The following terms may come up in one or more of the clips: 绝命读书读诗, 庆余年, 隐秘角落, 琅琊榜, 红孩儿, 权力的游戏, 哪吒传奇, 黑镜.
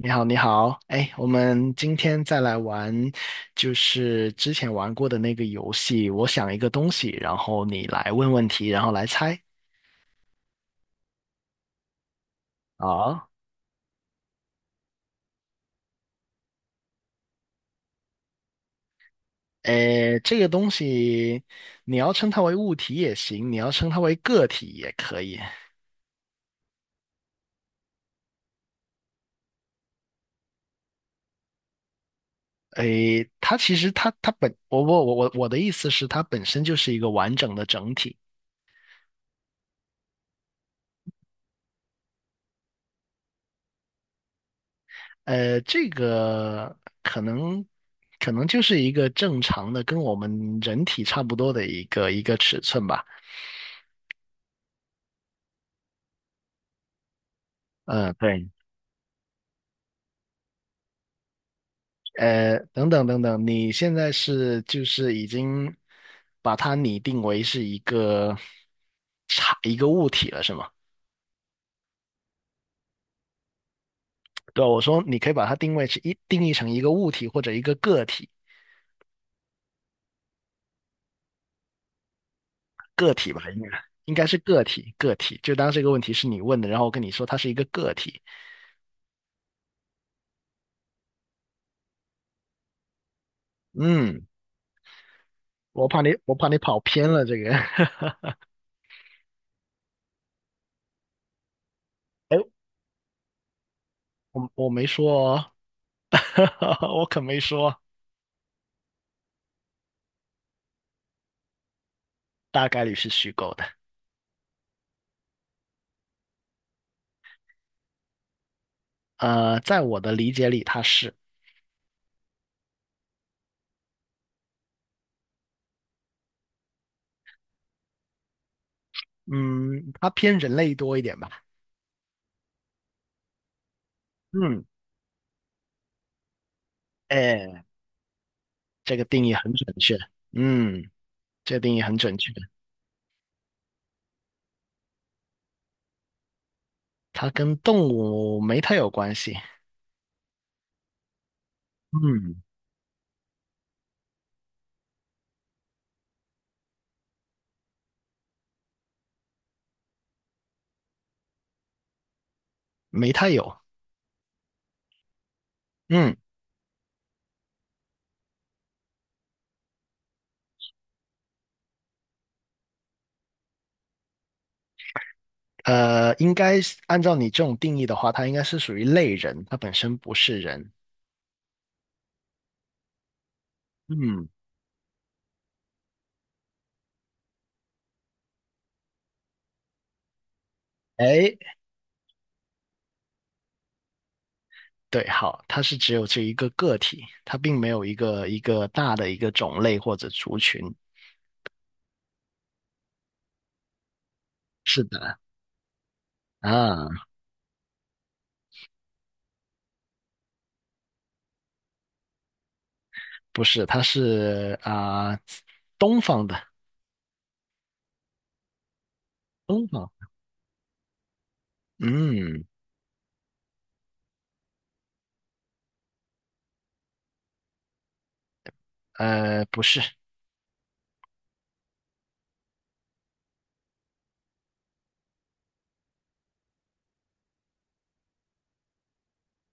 你好，你好，哎，我们今天再来玩，就是之前玩过的那个游戏。我想一个东西，然后你来问问题，然后来猜。好，哎，这个东西你要称它为物体也行，你要称它为个体也可以。哎，它其实它它本我我我我我的意思是，它本身就是一个完整的整体。这个可能可能就是一个正常的，跟我们人体差不多的一个尺寸吧。嗯，对。等等，你现在是就是已经把它拟定为是一个一个物体了，是吗？对，我说你可以把它定义成一个物体或者一个个体，个体吧，应该是个体，个体。就当这个问题是你问的，然后我跟你说它是一个个体。嗯。我怕你，我怕你跑偏了这个。哎，我没说哦，我可没说，大概率是虚构的。在我的理解里，它是，嗯，它偏人类多一点吧。嗯，哎，这个定义很准确。嗯，这个定义很准确。它跟动物没太有关系。嗯，没太有。嗯，应该是按照你这种定义的话，它应该是属于类人，它本身不是人。嗯，哎，对，好，它是只有这一个个体，它并没有一个大的一个种类或者族群。是的，啊，不是，它是东方的，东方，嗯，不是，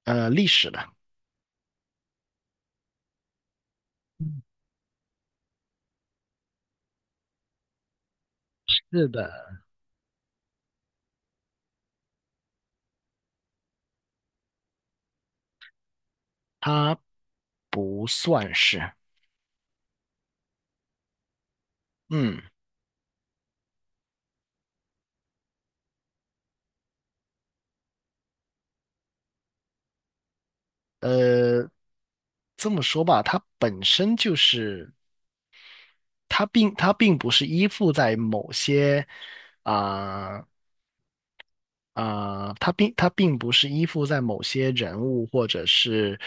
历史的，是的，它不算是，嗯，呃，这么说吧，它本身就是，它并不是依附在某些啊、它并不是依附在某些人物或者是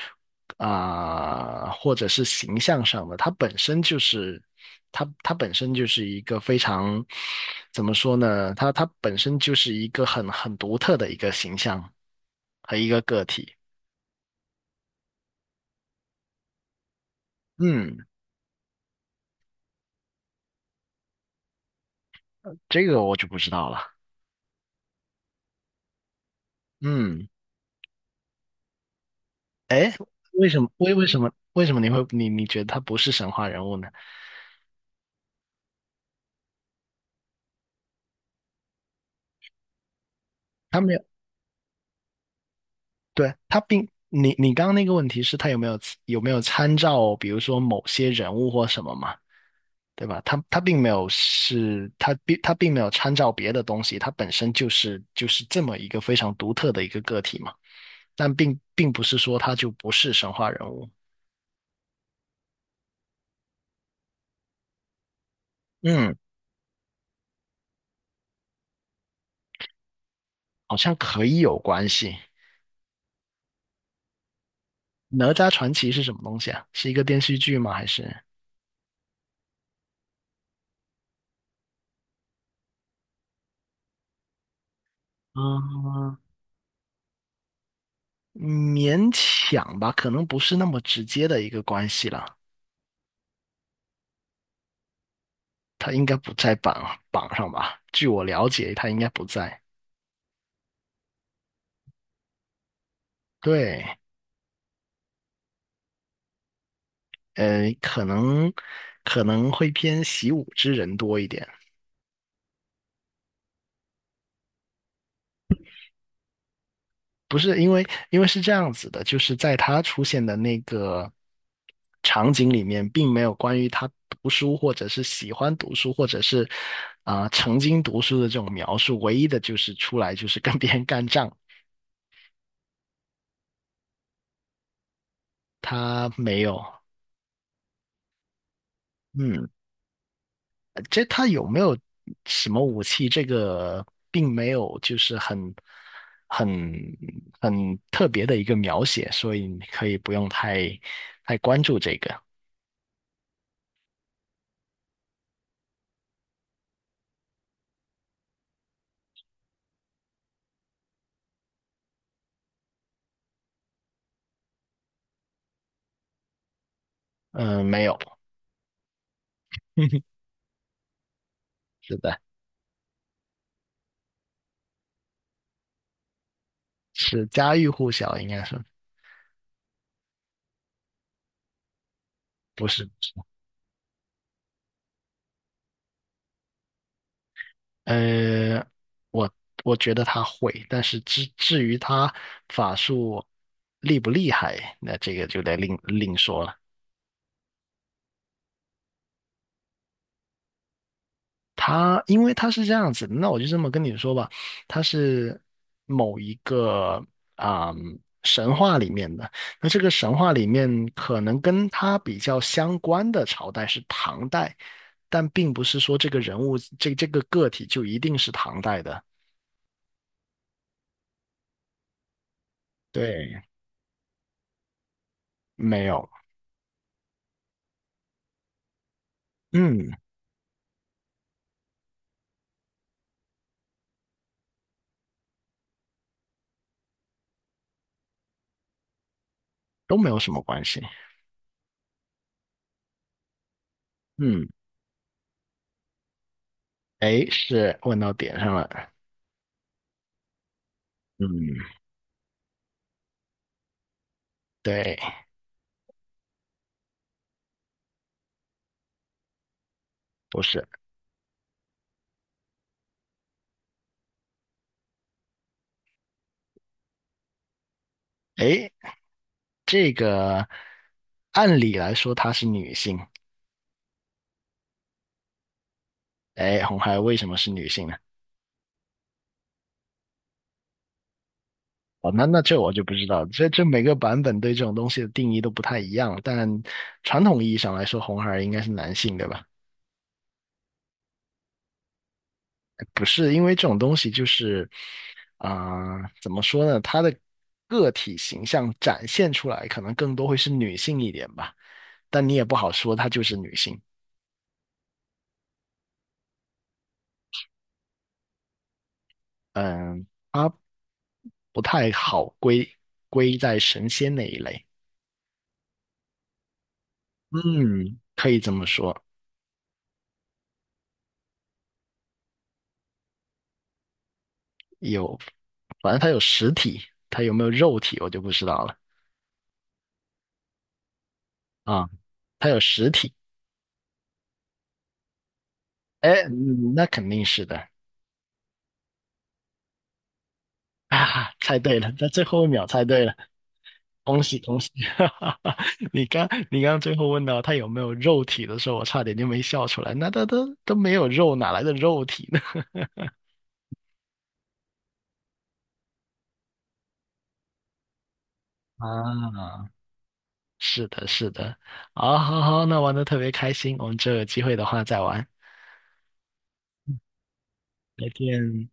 或者是形象上的，它本身就是它本身就是一个非常怎么说呢？它本身就是一个很独特的一个形象和一个个体。嗯，这个我就不知道了。嗯，哎，为什么你你觉得他不是神话人物呢？他没有。对，他并你你刚刚那个问题是他有没有参照，比如说某些人物或什么嘛，对吧？他并没有是，他并没有参照别的东西，他本身就是就是这么一个非常独特的一个个体嘛。但并不是说他就不是神话人物，嗯，好像可以有关系。哪吒传奇是什么东西啊？是一个电视剧吗？还是？嗯，勉强吧，可能不是那么直接的一个关系了。他应该不在榜上吧？据我了解，他应该不在。对，呃，可能可能会偏习武之人多一点。不是因为，因为是这样子的，就是在他出现的那个场景里面，并没有关于他读书或者是喜欢读书或者是曾经读书的这种描述。唯一的就是出来就是跟别人干仗，他没有。嗯。这他有没有什么武器？这个并没有，就是很很特别的一个描写，所以你可以不用太关注这个。嗯、没有，是的，是家喻户晓，应该是不是？不是呃，我觉得他会，但是至于他法术厉不厉害，那这个就得另说了。他因为他是这样子的那我就这么跟你说吧，他是某一个啊、嗯神话里面的。那这个神话里面可能跟他比较相关的朝代是唐代，但并不是说这个人物这个个体就一定是唐代的。对，没有，嗯，都没有什么关系。嗯，哎，是问到点上了。嗯，对，不是，哎，这个按理来说她是女性。哎，红孩儿为什么是女性呢？哦，那那这我就不知道，这这每个版本对这种东西的定义都不太一样。但传统意义上来说，红孩儿应该是男性，对吧？不是，因为这种东西就是，怎么说呢？他的个体形象展现出来，可能更多会是女性一点吧。但你也不好说她就是女性，嗯，它不太好归在神仙那一类。嗯，可以这么说。有，反正它有实体，它有没有肉体我就不知道了啊。它有实体，哎，嗯那肯定是的啊，猜对了，在最后一秒猜对了，恭喜恭喜！你刚最后问到它有没有肉体的时候，我差点就没笑出来。那它都没有肉，哪来的肉体呢？啊，是的，是的，好，好，好，那玩的特别开心，我们这有机会的话再玩，再见。